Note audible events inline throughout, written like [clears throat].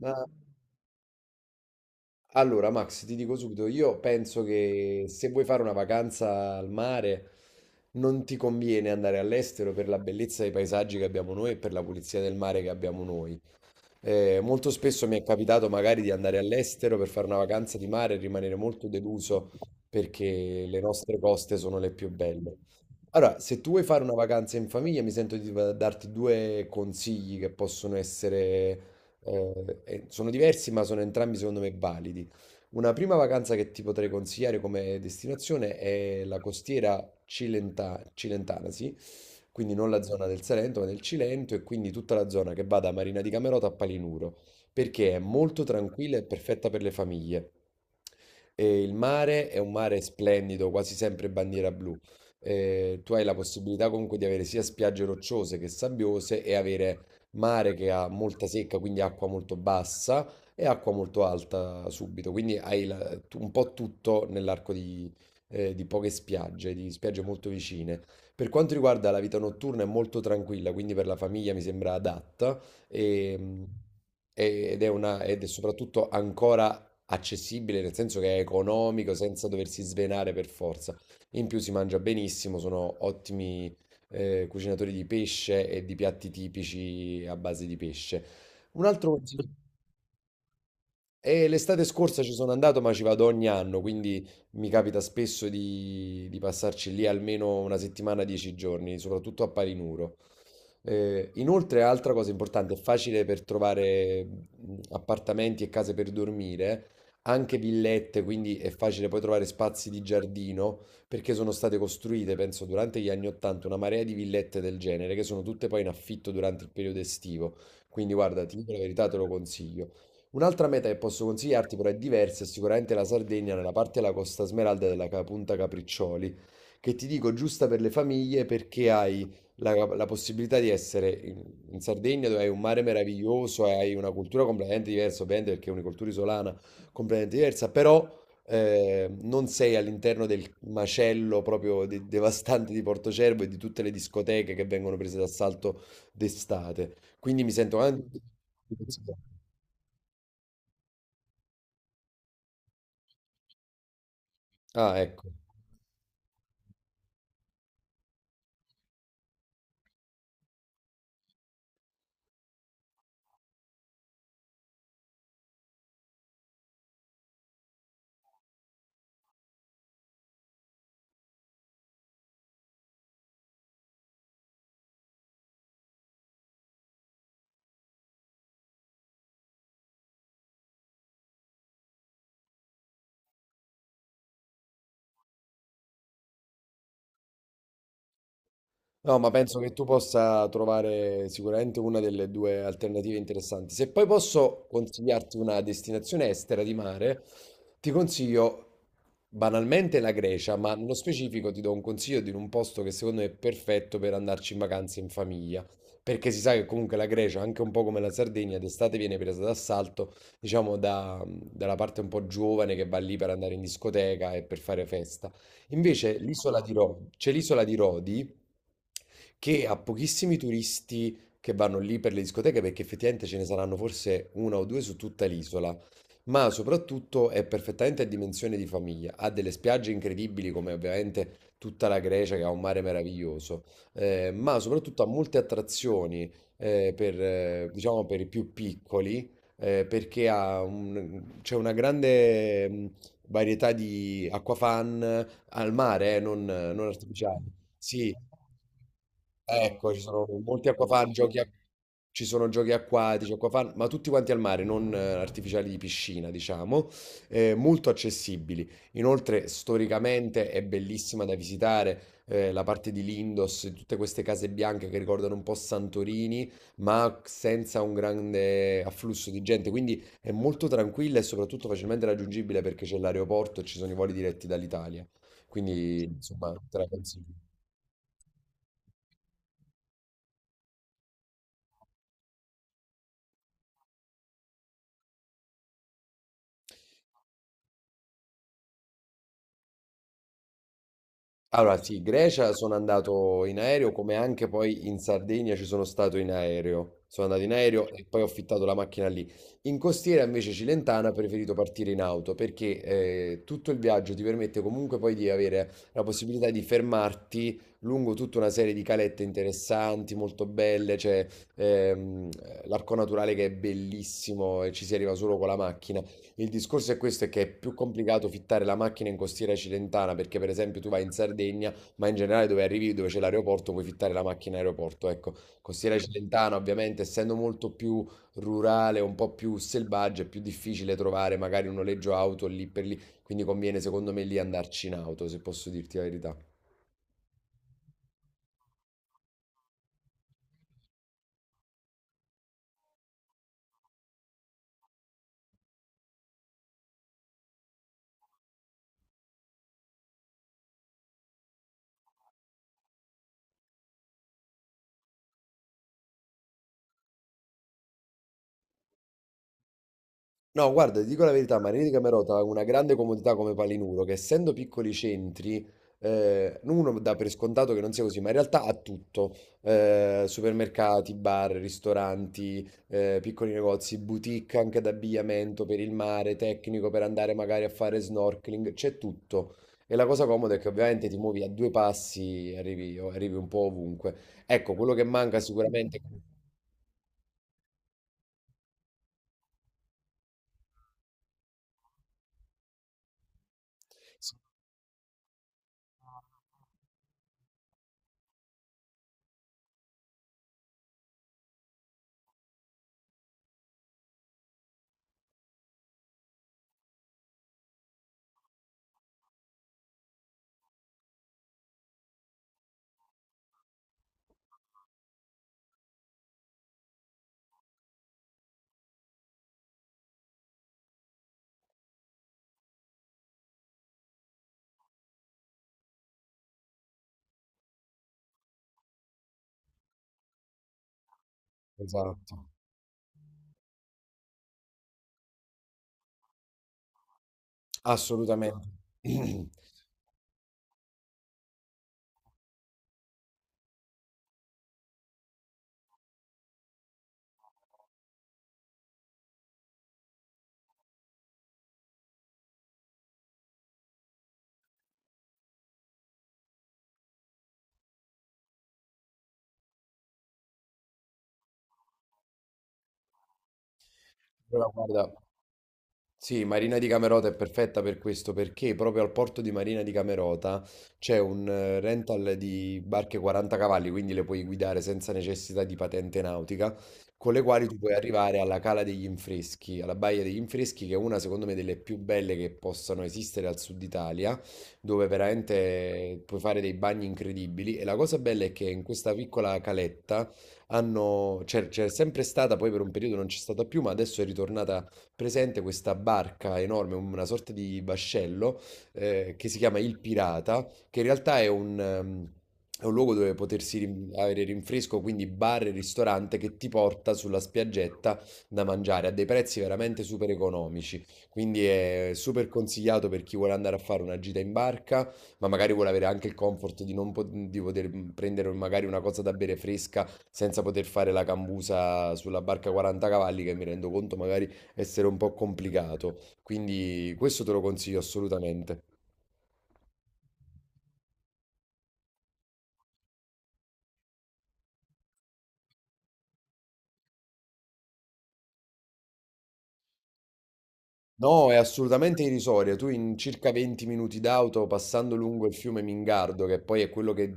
Ma allora, Max, ti dico subito, io penso che se vuoi fare una vacanza al mare non ti conviene andare all'estero per la bellezza dei paesaggi che abbiamo noi e per la pulizia del mare che abbiamo noi. Molto spesso mi è capitato magari di andare all'estero per fare una vacanza di mare e rimanere molto deluso perché le nostre coste sono le più belle. Allora, se tu vuoi fare una vacanza in famiglia, mi sento di darti due consigli che possono essere, sono diversi, ma sono entrambi secondo me validi. Una prima vacanza che ti potrei consigliare come destinazione è la costiera cilentana, sì, quindi non la zona del Salento ma del Cilento e quindi tutta la zona che va da Marina di Camerota a Palinuro, perché è molto tranquilla e perfetta per le famiglie. E il mare è un mare splendido, quasi sempre bandiera blu. Tu hai la possibilità comunque di avere sia spiagge rocciose che sabbiose e avere mare che ha molta secca, quindi acqua molto bassa e acqua molto alta subito. Quindi hai un po' tutto nell'arco di poche spiagge, di spiagge molto vicine. Per quanto riguarda la vita notturna è molto tranquilla, quindi per la famiglia mi sembra adatta e- ed è soprattutto ancora accessibile, nel senso che è economico, senza doversi svenare per forza. In più si mangia benissimo, sono ottimi cucinatori di pesce e di piatti tipici a base di pesce. Un altro consiglio. E l'estate scorsa ci sono andato, ma ci vado ogni anno, quindi mi capita spesso di passarci lì almeno una settimana, dieci giorni, soprattutto a Palinuro. Inoltre, altra cosa importante, è facile per trovare appartamenti e case per dormire, anche villette, quindi è facile poi trovare spazi di giardino, perché sono state costruite, penso, durante gli anni 80 una marea di villette del genere, che sono tutte poi in affitto durante il periodo estivo. Quindi guarda, ti dico la verità, te lo consiglio. Un'altra meta che posso consigliarti, però è diversa, è sicuramente la Sardegna nella parte della Costa Smeralda della Punta Capriccioli, che ti dico giusta per le famiglie perché hai la, la possibilità di essere in Sardegna dove hai un mare meraviglioso e hai una cultura completamente diversa, ovviamente perché è una cultura isolana completamente diversa, però non sei all'interno del macello proprio devastante di Portocervo e di tutte le discoteche che vengono prese d'assalto d'estate. Quindi mi sento anche... Ah, ecco. No, ma penso che tu possa trovare sicuramente una delle due alternative interessanti. Se poi posso consigliarti una destinazione estera di mare, ti consiglio banalmente la Grecia, ma nello specifico ti do un consiglio di un posto che secondo me è perfetto per andarci in vacanza in famiglia, perché si sa che comunque la Grecia, anche un po' come la Sardegna, d'estate viene presa d'assalto, diciamo, dalla parte un po' giovane che va lì per andare in discoteca e per fare festa. Invece l'isola di Rodi, c'è l'isola di Rodi che ha pochissimi turisti che vanno lì per le discoteche perché effettivamente ce ne saranno forse una o due su tutta l'isola, ma soprattutto è perfettamente a dimensione di famiglia, ha delle spiagge incredibili come ovviamente tutta la Grecia che ha un mare meraviglioso, ma soprattutto ha molte attrazioni per, diciamo, per i più piccoli perché ha c'è una grande varietà di acquafan, al mare, non artificiali. Sì, ecco, ci sono molti acquafan, ci sono giochi acquatici, acquafan, ma tutti quanti al mare, non artificiali di piscina, diciamo, molto accessibili. Inoltre, storicamente è bellissima da visitare. La parte di Lindos, tutte queste case bianche che ricordano un po' Santorini, ma senza un grande afflusso di gente, quindi è molto tranquilla e soprattutto facilmente raggiungibile perché c'è l'aeroporto e ci sono i voli diretti dall'Italia. Quindi insomma te la consiglio. Allora sì, Grecia sono andato in aereo come anche poi in Sardegna ci sono stato in aereo. Sono andato in aereo e poi ho affittato la macchina lì. In costiera invece cilentana ho preferito partire in auto perché tutto il viaggio ti permette comunque poi di avere la possibilità di fermarti lungo tutta una serie di calette interessanti, molto belle, c'è ehm, l'arco naturale che è bellissimo e ci si arriva solo con la macchina. Il discorso è questo, è che è più complicato fittare la macchina in costiera cilentana, perché per esempio tu vai in Sardegna, ma in generale dove arrivi, dove c'è l'aeroporto, puoi fittare la macchina in aeroporto. Ecco, costiera cilentana ovviamente, essendo molto più rurale, un po' più selvaggia, è più difficile trovare magari un noleggio auto lì per lì, quindi conviene secondo me lì andarci in auto, se posso dirti la verità. No, guarda, ti dico la verità, Marini di Camerota ha una grande comodità come Palinuro, che essendo piccoli centri, uno dà per scontato che non sia così, ma in realtà ha tutto. Supermercati, bar, ristoranti, piccoli negozi, boutique anche d'abbigliamento per il mare, tecnico per andare magari a fare snorkeling, c'è tutto. E la cosa comoda è che ovviamente ti muovi a due passi e arrivi un po' ovunque. Ecco, quello che manca sicuramente... Sì, esatto, assolutamente. [clears throat] Allora, guarda, sì, Marina di Camerota è perfetta per questo perché proprio al porto di Marina di Camerota c'è un rental di barche 40 cavalli, quindi le puoi guidare senza necessità di patente nautica, con le quali tu puoi arrivare alla Cala degli Infreschi, alla Baia degli Infreschi, che è una secondo me delle più belle che possano esistere al sud Italia, dove veramente puoi fare dei bagni incredibili. E la cosa bella è che in questa piccola caletta hanno, c'è sempre stata, poi per un periodo non c'è stata più, ma adesso è ritornata presente questa barca enorme, una sorta di vascello che si chiama Il Pirata, che in realtà è un luogo dove potersi avere rinfresco, quindi bar e ristorante che ti porta sulla spiaggetta da mangiare a dei prezzi veramente super economici. Quindi è super consigliato per chi vuole andare a fare una gita in barca, ma magari vuole avere anche il comfort di non di poter prendere magari una cosa da bere fresca senza poter fare la cambusa sulla barca 40 cavalli, che mi rendo conto magari essere un po' complicato. Quindi questo te lo consiglio assolutamente. No, è assolutamente irrisoria. Tu in circa 20 minuti d'auto, passando lungo il fiume Mingardo, che poi è quello che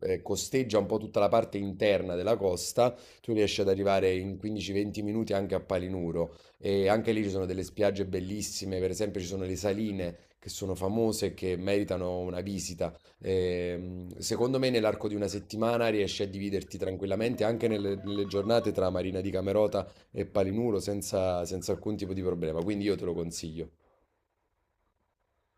costeggia un po' tutta la parte interna della costa, tu riesci ad arrivare in 15-20 minuti anche a Palinuro. E anche lì ci sono delle spiagge bellissime, per esempio ci sono le saline che sono famose e che meritano una visita. Secondo me nell'arco di una settimana riesci a dividerti tranquillamente anche nelle giornate tra Marina di Camerota e Palinuro senza alcun tipo di problema, quindi io te lo consiglio.